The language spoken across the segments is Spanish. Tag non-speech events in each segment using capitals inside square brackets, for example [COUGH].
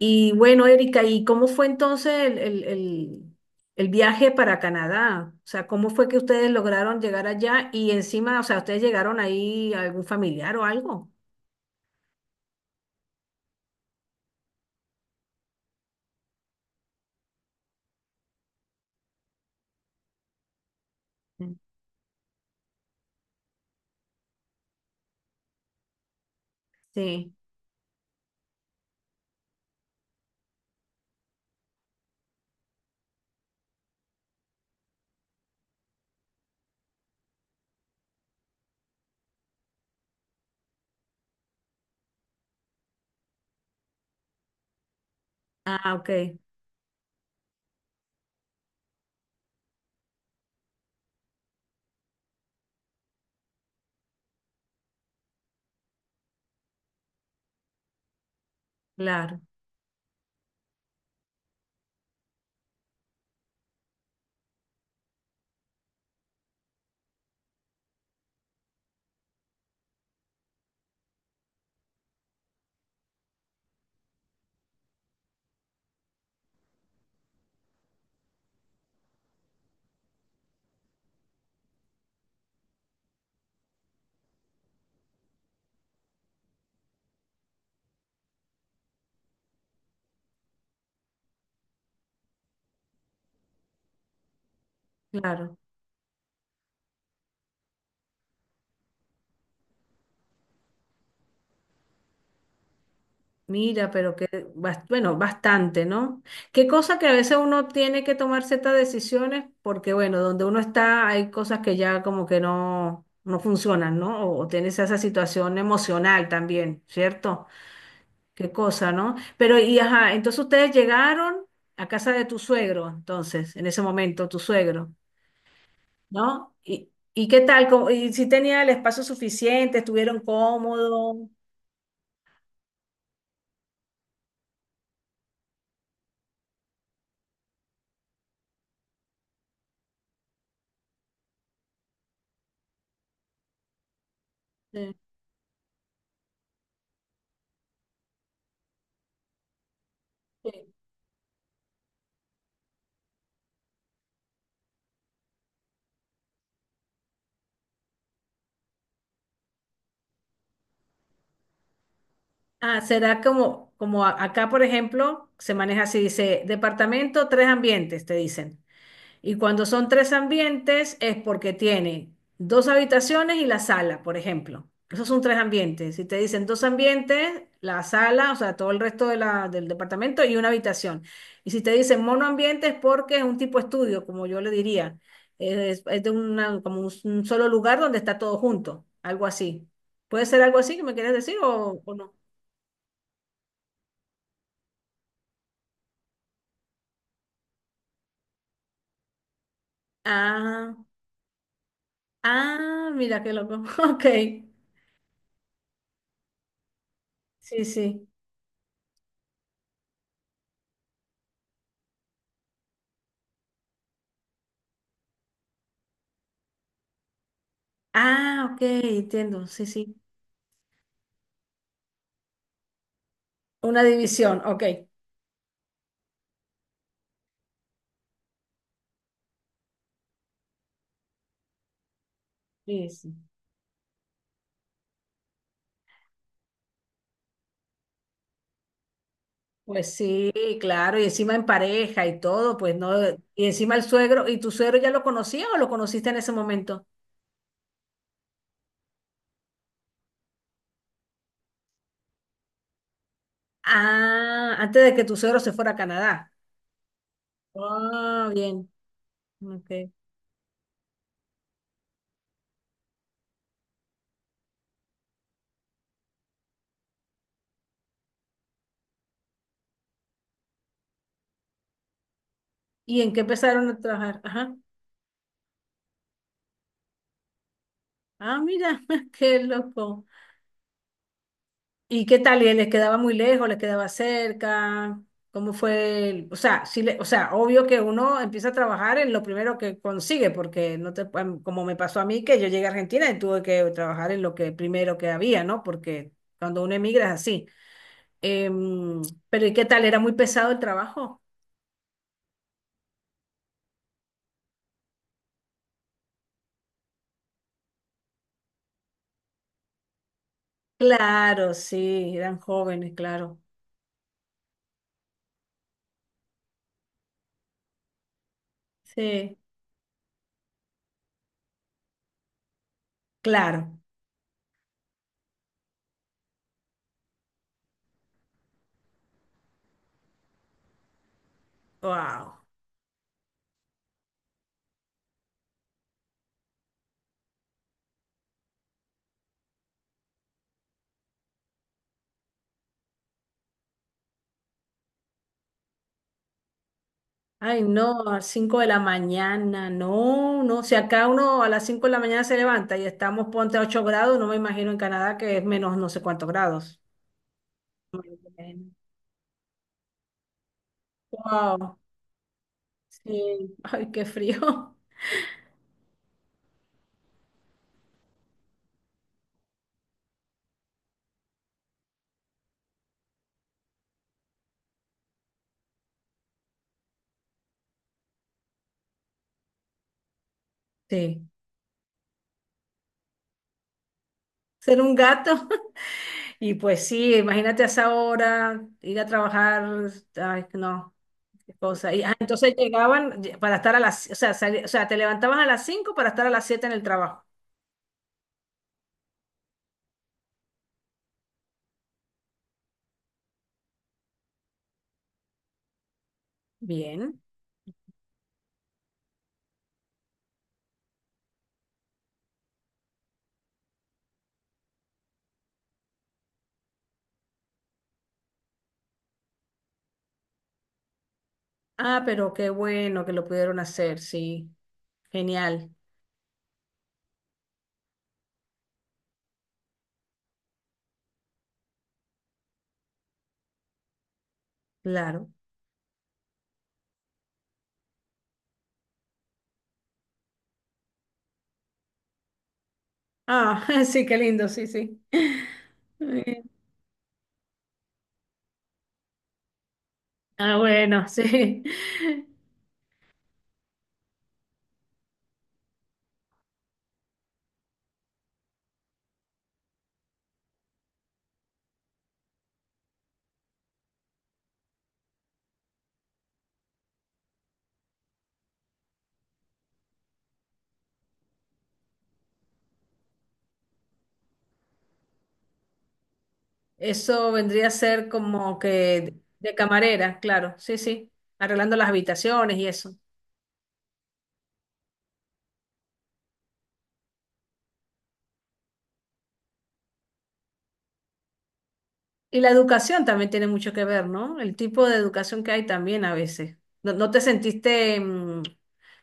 Y bueno, Erika, ¿y cómo fue entonces el viaje para Canadá? O sea, ¿cómo fue que ustedes lograron llegar allá? Y encima, o sea, ¿ustedes llegaron ahí a algún familiar o algo? Mm. Sí. Ah, ok, claro, claro. Mira, pero que, bueno, bastante, ¿no? Qué cosa que a veces uno tiene que tomar ciertas decisiones porque, bueno, donde uno está hay cosas que ya como que no, no funcionan, ¿no? O tienes esa situación emocional también, ¿cierto? Qué cosa, ¿no? Pero, y ajá, entonces ustedes llegaron a casa de tu suegro, entonces, en ese momento, tu suegro, ¿no? Y qué tal? ¿Cómo- ¿Y si tenía el espacio suficiente? ¿Estuvieron cómodos? Sí, sí. Ah, será como, como acá, por ejemplo, se maneja así, dice, departamento, tres ambientes, te dicen. Y cuando son tres ambientes es porque tiene dos habitaciones y la sala, por ejemplo. Esos son tres ambientes. Si te dicen dos ambientes, la sala, o sea, todo el resto de del departamento y una habitación. Y si te dicen monoambiente es porque es un tipo estudio, como yo le diría. Es de una, como un solo lugar donde está todo junto, algo así. ¿Puede ser algo así que me quieres decir o no? Ah, ah, mira qué loco. [LAUGHS] Ok, sí, sí. Ah, ok, entiendo, sí, sí. Una división, ok. Sí, sí. Pues sí, claro, y encima en pareja y todo, pues no, y encima el suegro, ¿y tu suegro ya lo conocía o lo conociste en ese momento? Ah, antes de que tu suegro se fuera a Canadá. Ah, bien, ok. ¿Y en qué empezaron a trabajar? Ajá. Ah, mira, [LAUGHS] qué loco. ¿Y qué tal? ¿Les quedaba muy lejos? ¿Les quedaba cerca? ¿Cómo fue? O sea, o sea, obvio que uno empieza a trabajar en lo primero que consigue, porque no te, como me pasó a mí, que yo llegué a Argentina y tuve que trabajar en lo que primero que había, ¿no? Porque cuando uno emigra es así. Em, pero ¿y qué tal? ¿Era muy pesado el trabajo? Claro, sí, eran jóvenes, claro. Sí, claro. Wow. Ay, no, a las 5 de la mañana, no, no. Si acá uno a las 5 de la mañana se levanta y estamos, ponte a 8 grados, no me imagino en Canadá que es menos no sé cuántos grados. Bueno. Wow, sí, [LAUGHS] ay, qué frío. Sí, ser un gato. [LAUGHS] Y pues sí, imagínate a esa hora, ir a trabajar, ay, no, qué cosa. Y, ah, entonces llegaban para estar a las, o sea, o sea, te levantabas a las 5 para estar a las 7 en el trabajo. Bien. Ah, pero qué bueno que lo pudieron hacer, sí. Genial, claro. Ah, [LAUGHS] sí, qué lindo, sí, sí. Eh, ah, bueno, [LAUGHS] sí. Eso vendría a ser como que de camarera, claro, sí, sí. Arreglando las habitaciones y eso. Y la educación también tiene mucho que ver, ¿no? El tipo de educación que hay también a veces. No, no te sentiste, mm,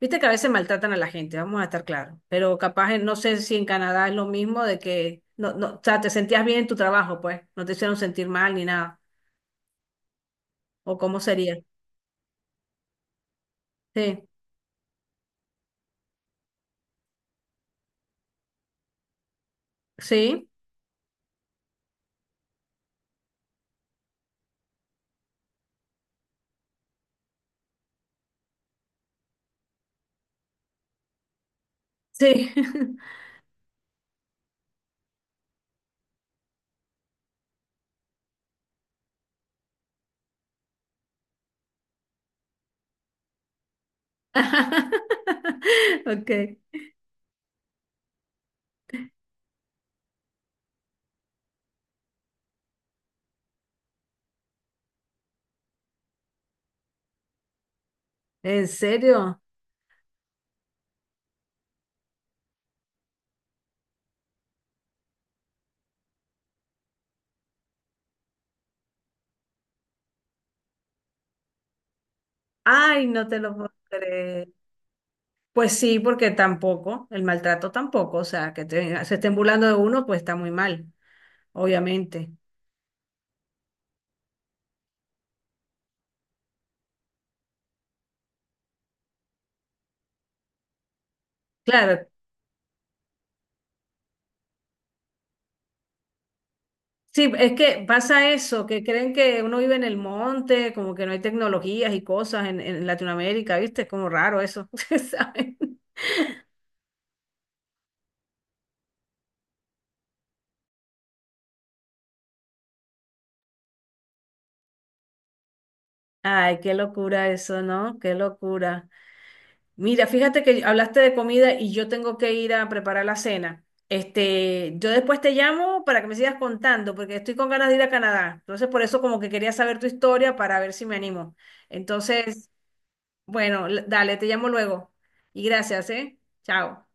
viste que a veces maltratan a la gente, vamos a estar claros, pero capaz, no sé si en Canadá es lo mismo de que, no, no, o sea, te sentías bien en tu trabajo, pues, no te hicieron sentir mal ni nada, o cómo sería. Sí, sí, sí. [LAUGHS] Ok, ¿en serio? Ay, no te lo puedo creer. Pues sí, porque tampoco, el maltrato tampoco, o sea, que se estén burlando de uno, pues está muy mal, obviamente. Claro, sí, es que pasa eso, que creen que uno vive en el monte, como que no hay tecnologías y cosas en Latinoamérica, ¿viste? Es como raro eso, [LAUGHS] ¿saben? Ay, qué locura eso, ¿no? Qué locura. Mira, fíjate que hablaste de comida y yo tengo que ir a preparar la cena. Este, yo después te llamo para que me sigas contando, porque estoy con ganas de ir a Canadá. Entonces, por eso como que quería saber tu historia para ver si me animo. Entonces, bueno, dale, te llamo luego. Y gracias, ¿eh? Chao.